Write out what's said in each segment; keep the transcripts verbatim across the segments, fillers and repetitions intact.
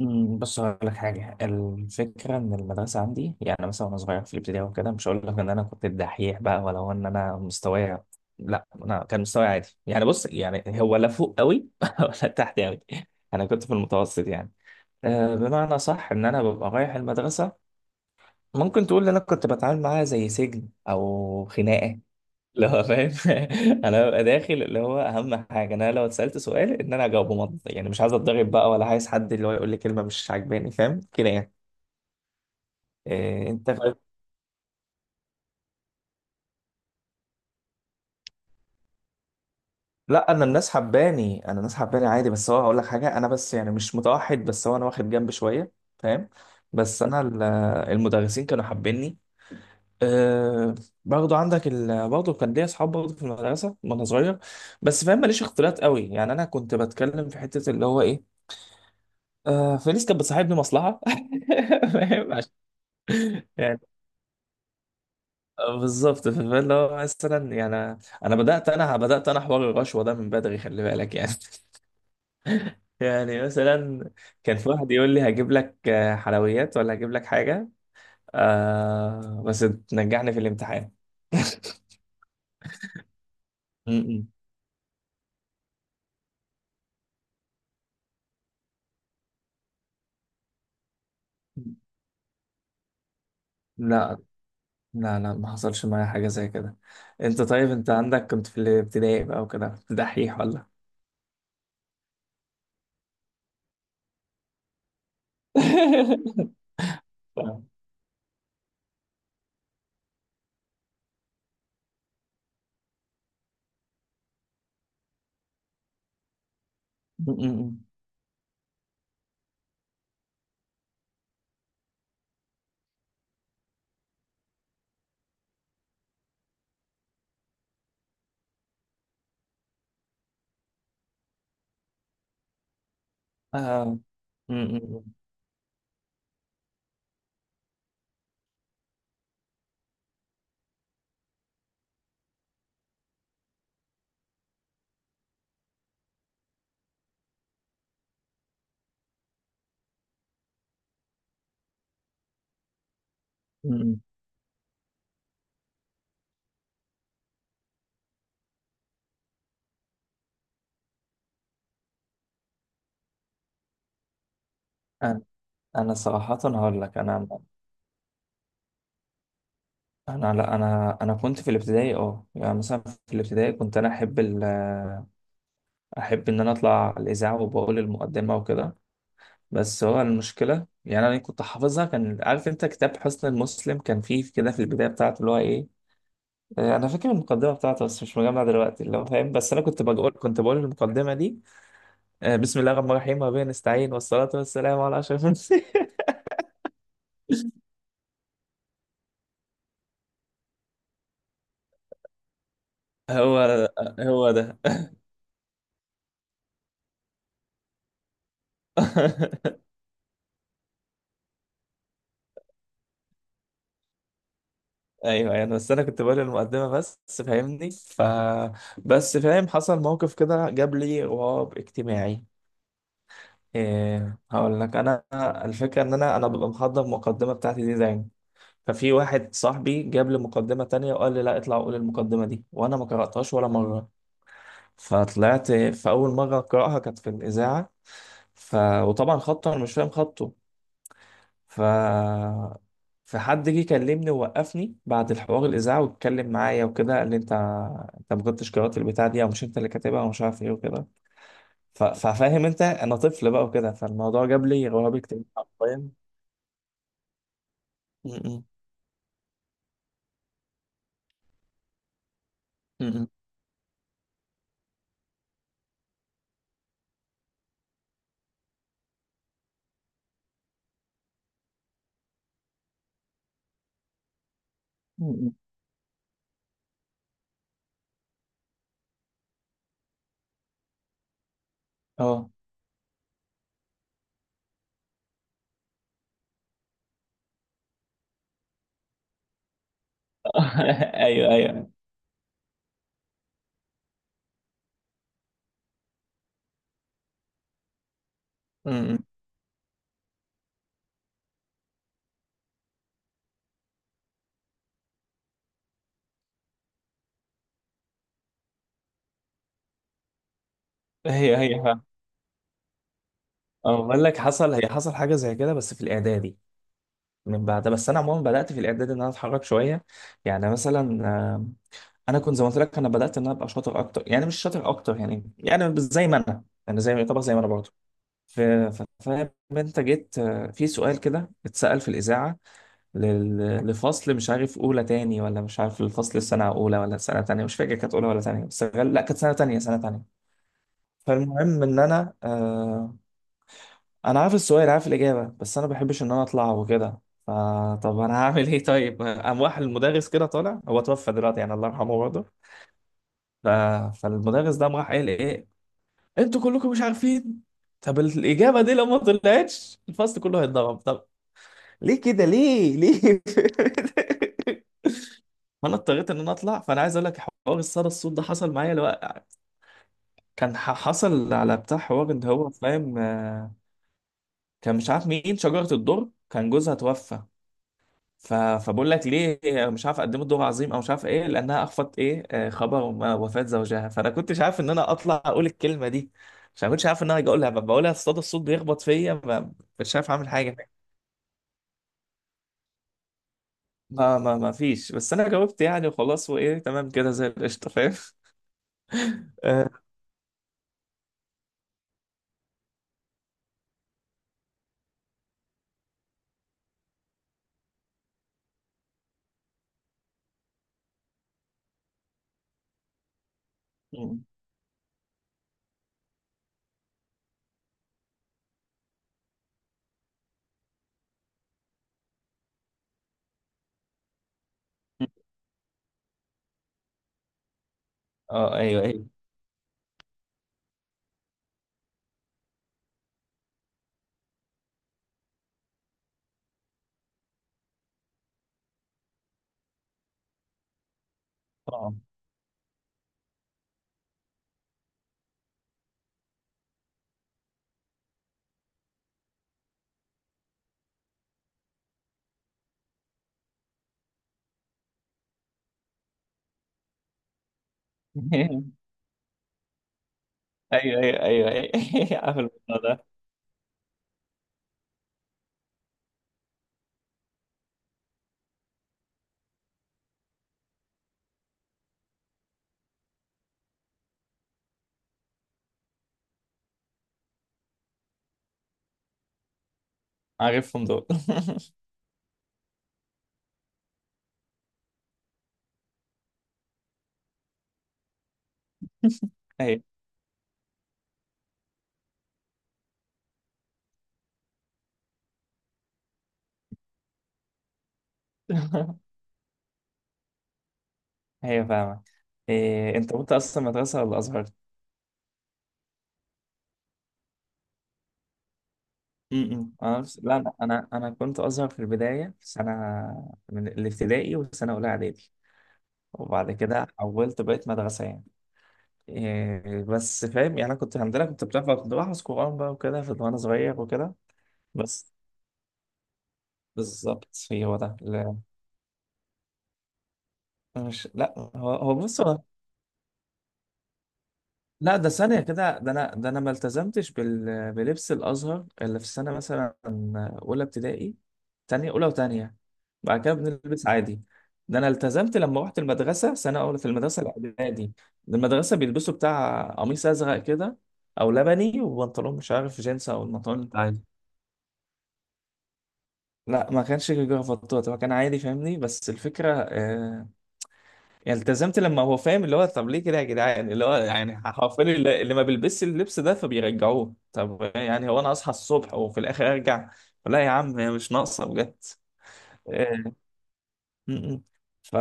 أمم، بص هقول لك حاجة. الفكرة إن المدرسة عندي، يعني مثلا وأنا صغير في الابتدائي وكده، مش هقول لك إن أنا كنت الدحيح بقى، ولا هو إن أنا مستواي لا أنا كان مستواي عادي يعني. بص، يعني هو لا فوق قوي ولا تحت قوي، أنا كنت في المتوسط يعني. أه، بمعنى صح إن أنا ببقى رايح المدرسة. ممكن تقول إن أنا كنت بتعامل معاها زي سجن أو خناقة، اللي هو فاهم. انا ببقى داخل، اللي هو اهم حاجه انا لو اتسالت سؤال ان انا اجاوبه منطقي، يعني مش عايز اتضرب بقى، ولا عايز حد اللي هو يقول لي كلمه مش عجباني، فاهم كده يعني. إيه، انت فاهم. لا، انا الناس حباني، انا الناس حباني عادي، بس هو هقول لك حاجه، انا بس يعني مش متوحد، بس هو انا واخد جنب شويه، فاهم. بس انا ال- المدرسين كانوا حابيني. أه، برضه عندك ال... برضه كان ليا اصحاب برضه في المدرسه وانا صغير. بس فاهم، ماليش اختلاط قوي يعني، انا كنت بتكلم في حته اللي هو ايه، آه، فلوس. كانت بتصاحبني مصلحة فاهم، عشان يعني. آه، بالظبط. فاللي هو مثلا يعني، انا بدأت انا بدأت انا حوار الرشوة ده من بدري، خلي بالك يعني. يعني مثلا كان في واحد يقول لي هجيب لك، آه، حلويات، ولا هجيب لك حاجة، آه، بس تنجحني في الامتحان. م- م. لا، لا لا، ما حصلش معايا حاجة زي كده. انت طيب، انت عندك كنت في الابتدائي بقى وكده، كنت دحيح ولا؟ م- م- م. آه. م- م- م- م. أنا أنا صراحة هقول لك، أنا أنا لا، أنا أنا كنت في الابتدائي، أه يعني مثلا في الابتدائي كنت أنا أحب ال أحب إن أنا أطلع الإذاعة وبقول المقدمة وكده. بس هو المشكلة يعني، أنا كنت حافظها، كان عارف أنت كتاب حسن المسلم؟ كان فيه كده في البداية بتاعته، اللي هو إيه، آه، أنا فاكر المقدمة بتاعته، بس مش مجمع دلوقتي، اللي هو فاهم. بس أنا كنت بقول كنت بقول المقدمة دي، آه، بسم الله الرحمن الرحيم وبه نستعين، والصلاة والسلام على أشرف المرسلين. هو هو ده. ايوه يعني، بس انا كنت بقول المقدمه بس، فاهمني. ف بس فاهم، حصل موقف كده جاب لي غراب اجتماعي. إيه، هقول لك انا. الفكره ان انا انا ببقى محضر المقدمه بتاعتي دي دايما. ففي واحد صاحبي جاب لي مقدمه تانية وقال لي لا اطلع قول المقدمه دي، وانا ما قراتهاش ولا مره. فطلعت في اول مره اقراها كانت في الاذاعه. ف وطبعا خطه، انا مش فاهم خطه. ف فحد جه كلمني ووقفني بعد الحوار الاذاعه واتكلم معايا وكده، قال لي انت، انت ما كنتش قرات البتاع دي، او مش انت اللي كاتبها، ومش عارف ايه وكده. ف... ففاهم انت، انا طفل بقى وكده، فالموضوع جاب لي رهاب اجتماعي حرفيا. م- م- م- م- م. اه. ايوه ايوه. م- م. هي هي فاهم. اه، بقول لك حصل، هي حصل حاجه زي كده بس في الاعدادي من بعد. بس انا عموما بدات في الاعدادي ان انا اتحرك شويه، يعني مثلا، آه، انا كنت زي ما قلت لك، انا بدات ان انا ابقى شاطر اكتر، يعني مش شاطر اكتر، يعني يعني زي ما انا، انا زي ما يعتبر زي ما انا برضه. ف- ف- فاهم انت، جيت آه، في سؤال كده اتسال في الاذاعه لل- لفصل، مش عارف اولى تاني، ولا مش عارف الفصل السنه اولى ولا سنه تانية، مش فاكر كانت اولى ولا تانية، بس غال- لا كانت سنه تانية، سنه تانية فالمهم ان انا، آه، انا عارف السؤال عارف الاجابه، بس انا ما بحبش ان انا اطلع وكده. فطب انا هعمل ايه؟ طيب قام راح المدرس كده طالع، هو توفى دلوقتي يعني، الله يرحمه برضه. ف... فالمدرس ده قام راح قال ايه، انتوا كلكم مش عارفين؟ طب الاجابه دي لو ما طلعتش، الفصل كله هيتضرب. طب ليه كده، ليه ليه؟ فانا اضطريت ان انا اطلع. فانا عايز اقول لك، حوار الصدى الصوت ده حصل معايا. لو كان ح- حصل على بتاع حوار ان هو فاهم، آه، كان مش عارف مين شجره الدر، كان جوزها توفى. ف... فبقول لك ليه، مش عارف اقدمه دور عظيم، او مش عارف ايه، لانها اخفت ايه، آه، خبر م- وفاة زوجها. فانا كنتش عارف ان انا اطلع اقول الكلمه دي، مش أنا كنتش عارف ان انا هاجي اقولها. ب- بقولها، الصدى الصوت بيخبط فيا. ما- مش عارف اعمل حاجه. ما ما ما فيش، بس انا جاوبت يعني وخلاص، وايه تمام كده زي القشطه، فاهم. اه. م. آه، ايوه ايوه. اه. ايوه ايوه ايوه ايوه. عارف الموضوع ده، عارفهم دول. ايوه. ايوه فاهمك. إيه، انت كنت اصلا مدرسه ولا ازهر؟ امم انا بس- لا، لا، انا، انا كنت ازهر في البدايه، في سنه من الابتدائي وسنه اولى اعدادي، وبعد كده حولت بقيت مدرسه يعني. إيه بس فاهم يعني، انا كنت الحمد لله كنت بتعرف، كنت بحفظ قران بقى وكده في- وانا صغير وكده. بس بالظبط، هي هو ده. لا، مش لا، هو هو بص، هو لا. ده ثانية كده، ده أنا، ده أنا ما التزمتش بال... بلبس الأزهر إلا في السنة مثلا أولى ابتدائي، تانية، أولى وتانية. بعد كده بنلبس عادي. ده أنا التزمت لما رحت المدرسة سنة أولى في المدرسة الإعدادي. المدرسة بيلبسوا بتاع قميص أزرق كده، أو لبني، وبنطلون مش عارف جينز أو البنطلون العادي. لا ما كانش جرافطات، هو كان عادي فاهمني. بس الفكرة، آه، يعني التزمت لما هو فاهم، اللي هو طب ليه كده يا جدعان، اللي هو يعني حرفيا، اللي اللي ما بيلبسش اللبس ده فبيرجعوه. طب يعني هو انا اصحى الصبح وفي الاخر ارجع؟ لا يا عم، هي مش ناقصه بجد. آه، م- م. ف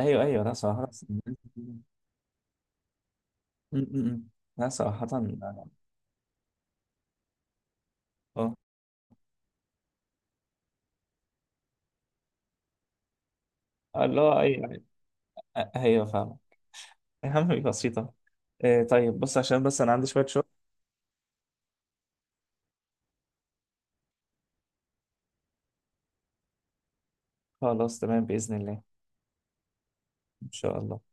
ايوه ايوه، لا صراحه. م- م. لا صراحه اه. اللي هو ايوه، ايوه فاهم. يا عم بسيطه. آه، طيب بص، عشان بس انا عندي شويه شغل. خلاص تمام باذن الله. ان شاء الله.